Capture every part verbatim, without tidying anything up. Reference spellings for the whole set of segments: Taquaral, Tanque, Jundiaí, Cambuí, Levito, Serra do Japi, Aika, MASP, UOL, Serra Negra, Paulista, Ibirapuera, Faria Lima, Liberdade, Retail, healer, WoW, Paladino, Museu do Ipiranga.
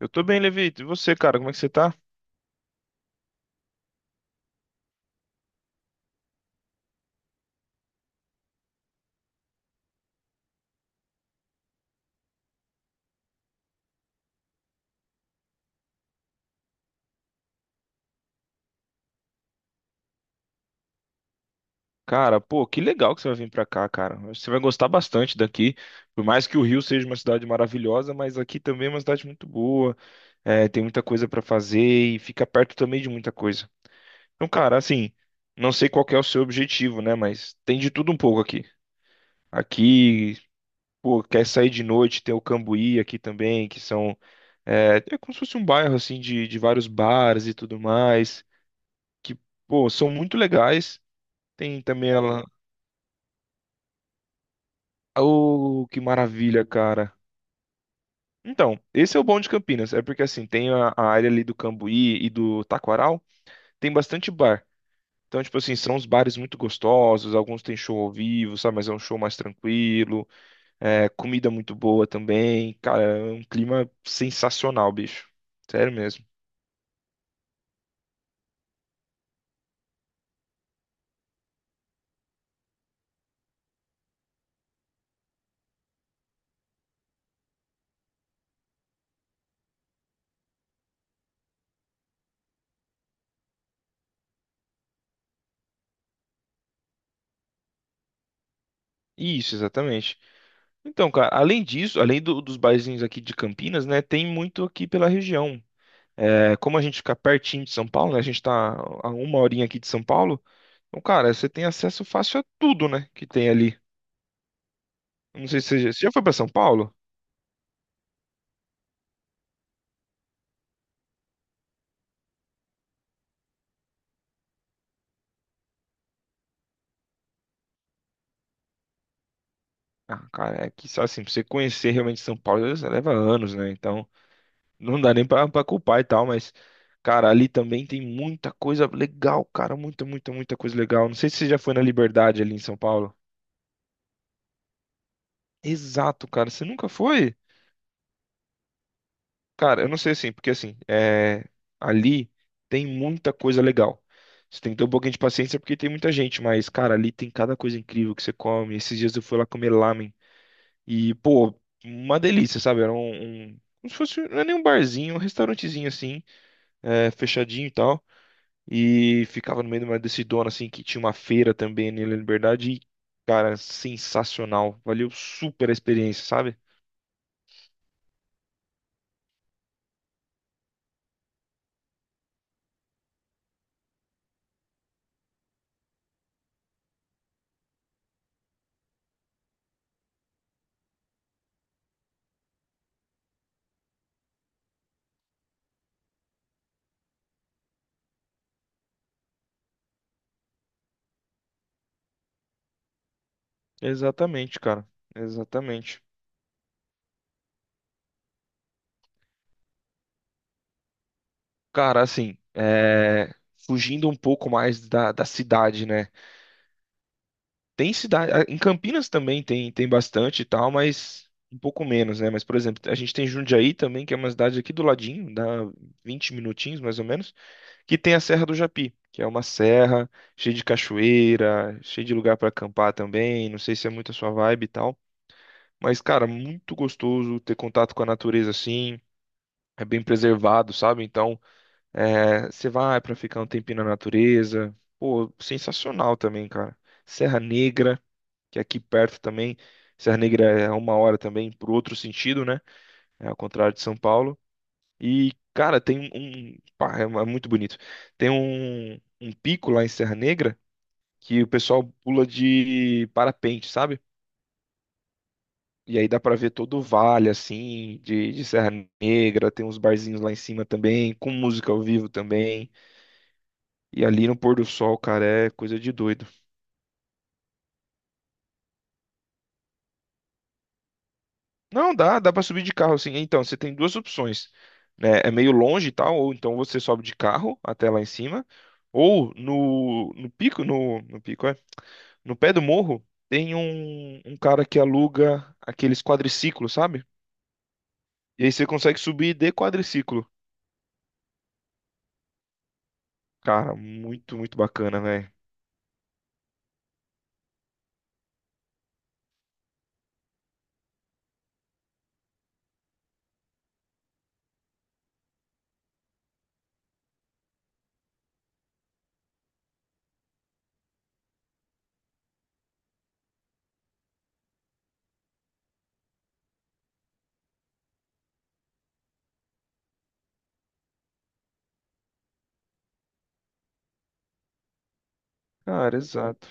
Eu tô bem, Levito. E você, cara, como é que você tá? Cara, pô, que legal que você vai vir pra cá, cara. Você vai gostar bastante daqui. Por mais que o Rio seja uma cidade maravilhosa, mas aqui também é uma cidade muito boa. É, tem muita coisa pra fazer e fica perto também de muita coisa. Então, cara, assim, não sei qual que é o seu objetivo, né? Mas tem de tudo um pouco aqui. Aqui, pô, quer sair de noite, tem o Cambuí aqui também, que são. É, é como se fosse um bairro, assim, de, de vários bares e tudo mais, que, pô, são muito legais. Tem também ela. Oh, que maravilha, cara. Então, esse é o bom de Campinas, é porque, assim, tem a, a área ali do Cambuí e do Taquaral, tem bastante bar. Então, tipo assim, são uns bares muito gostosos, alguns têm show ao vivo, sabe? Mas é um show mais tranquilo. É, comida muito boa também. Cara, é um clima sensacional, bicho. Sério mesmo. Isso, exatamente. Então, cara, além disso, além do- dos barzinhos aqui de Campinas, né, tem muito aqui pela região. É, como a gente fica pertinho de São Paulo, né, a gente tá a uma horinha aqui de São Paulo, então, cara, você tem acesso fácil a tudo, né, que tem ali. Não sei se você já, você já foi pra São Paulo? Ah, cara, é que, só assim, pra você conhecer realmente São Paulo, leva anos, né, então... Não dá nem pra, pra culpar e tal, mas, cara, ali também tem muita coisa legal, cara. Muita, muita, muita coisa legal. Não sei se você já foi na Liberdade ali em São Paulo. Exato, cara. Você nunca foi? Cara, eu não sei assim, porque assim, é... ali tem muita coisa legal. Você tem que ter um pouquinho de paciência porque tem muita gente, mas, cara, ali tem cada coisa incrível que você come. Esses dias eu fui lá comer lamen e, pô, uma delícia, sabe? Era um, um... Como se fosse, não é nem um barzinho, um restaurantezinho assim, é, fechadinho e tal. E ficava no meio de uma decidona, assim, que tinha uma feira também ali na Liberdade. E, cara, sensacional. Valeu super a experiência, sabe? Exatamente, cara. Exatamente. Cara, assim, é, fugindo um pouco mais da, da cidade, né? Tem cidade. ah, Em Campinas também tem, tem bastante e tal, mas um pouco menos, né? Mas, por exemplo, a gente tem Jundiaí também, que é uma cidade aqui do ladinho, dá vinte minutinhos mais ou menos. Que tem a Serra do Japi, que é uma serra cheia de cachoeira, cheia de lugar para acampar também. Não sei se é muito a sua vibe e tal, mas cara, muito gostoso ter contato com a natureza assim. É bem preservado, sabe? Então, é, você vai para ficar um tempinho na natureza. Pô, sensacional também, cara. Serra Negra, que é aqui perto também. Serra Negra é uma hora também, por outro sentido, né? É ao contrário de São Paulo. E, cara, tem um. um- Pá, é é muito bonito. Tem um, um pico lá em Serra Negra que o pessoal pula de parapente, sabe? E aí dá pra ver todo o vale, assim, de, de Serra Negra. Tem uns barzinhos lá em cima também, com música ao vivo também. E ali no pôr do sol, cara, é coisa de doido. Não, dá, dá pra subir de carro, assim. Então, você tem duas opções, né? É meio longe e tal, ou então você sobe de carro até lá em cima. Ou no, no pico, no, no pico, no pé do morro tem um, um cara que aluga aqueles quadriciclos, sabe? E aí você consegue subir de quadriciclo. Cara, muito, muito bacana, velho. Cara, exato.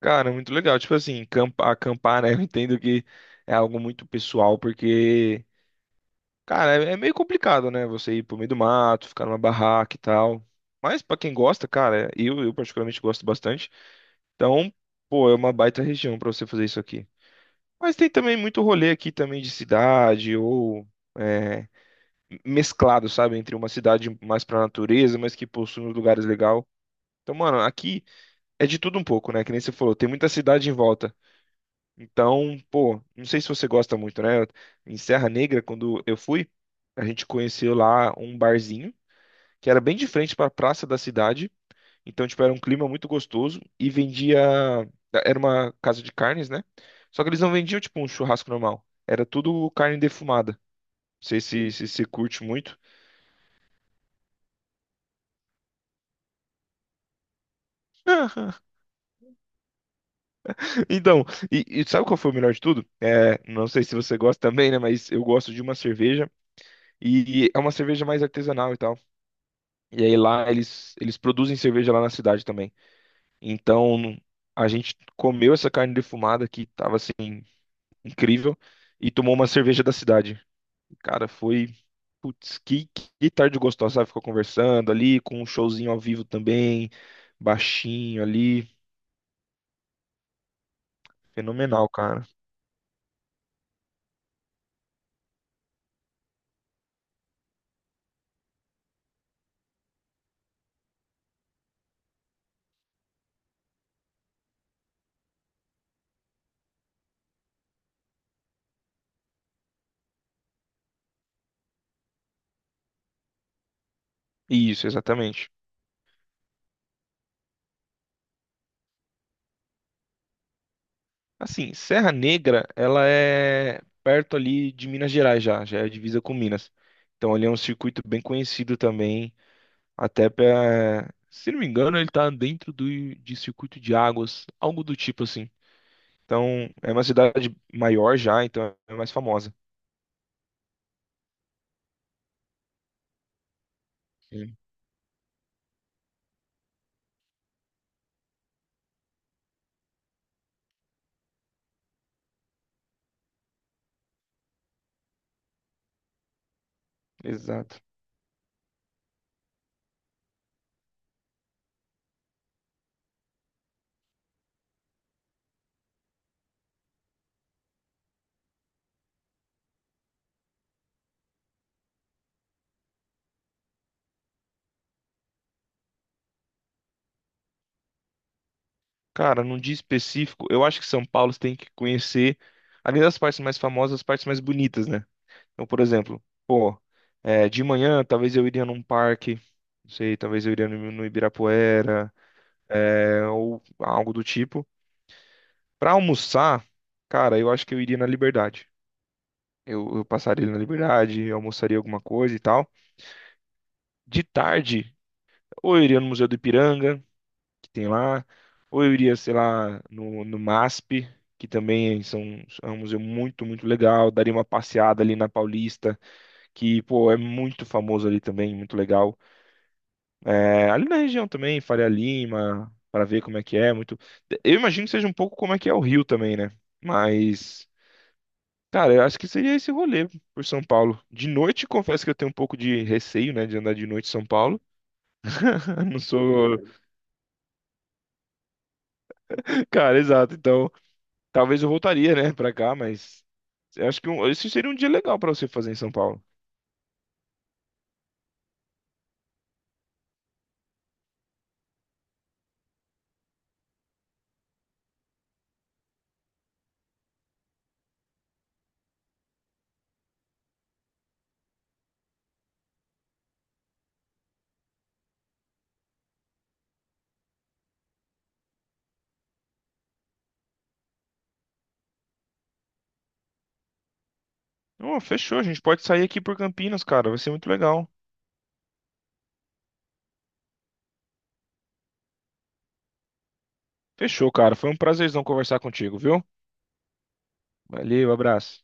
Cara, muito legal. Tipo assim, campa- acampar, né? Eu entendo que é algo muito pessoal, porque, cara, é é meio complicado, né? Você ir pro meio do mato, ficar numa barraca e tal. Mas pra quem gosta, cara, eu, eu particularmente gosto bastante. Então, pô, é uma baita região pra você fazer isso aqui. Mas tem também muito rolê aqui também de cidade ou é, mesclado, sabe? Entre uma cidade mais pra natureza, mas que possui uns lugares legal. Então, mano, aqui é de tudo um pouco, né? Que nem você falou, tem muita cidade em volta. Então, pô, não sei se você gosta muito, né? Em Serra Negra, quando eu fui, a gente conheceu lá um barzinho que era bem de frente pra praça da cidade. Então, tipo, era um clima muito gostoso e vendia. Era uma casa de carnes, né? Só que eles não vendiam, tipo, um churrasco normal. Era tudo carne defumada. Não sei se se você curte muito. Então, e, e sabe qual foi o melhor de tudo? É, não sei se você gosta também, né? Mas eu gosto de uma cerveja e, e é uma cerveja mais artesanal e tal. E aí lá eles, eles produzem cerveja lá na cidade também. Então, a gente comeu essa carne defumada que tava assim, incrível e tomou uma cerveja da cidade. Cara, foi. Putz, que, que tarde gostosa, sabe? Ficou conversando ali, com um showzinho ao vivo também, baixinho ali. Fenomenal, cara. Isso, exatamente. Assim, Serra Negra, ela é perto ali de Minas Gerais já, já é divisa com Minas. Então ali é um circuito bem conhecido também, até pra, se não me engano, ele tá dentro do, de circuito de águas, algo do tipo assim. Então, é uma cidade maior já, então é mais famosa. Sim. Exato. Cara, num dia específico, eu acho que São Paulo você tem que conhecer, além das partes mais famosas, as partes mais bonitas, né? Então, por exemplo, pô, é, de manhã talvez eu iria num parque, não sei, talvez eu iria no, no Ibirapuera, é, ou algo do tipo. Pra almoçar, cara, eu acho que eu iria na Liberdade. Eu, eu passaria na Liberdade, eu almoçaria alguma coisa e tal. De tarde, ou eu iria no Museu do Ipiranga, que tem lá, ou eu iria, sei lá, no, no MASP, que também são, é um museu muito, muito legal, daria uma passeada ali na Paulista, que, pô, é muito famoso ali também, muito legal. É, ali na região também, Faria Lima, para ver como é que é, muito... Eu imagino que seja um pouco como é que é o Rio também, né? Mas... Cara, eu acho que seria esse rolê por São Paulo. De noite, confesso que eu tenho um pouco de receio, né, de andar de noite em São Paulo. Não sou. Cara, exato. Então, talvez eu voltaria, né, pra cá, mas eu acho que um, esse seria um dia legal pra você fazer em São Paulo. Oh, fechou, a gente pode sair aqui por Campinas, cara, vai ser muito legal. Fechou, cara, foi um prazerzão conversar contigo, viu? Valeu, abraço.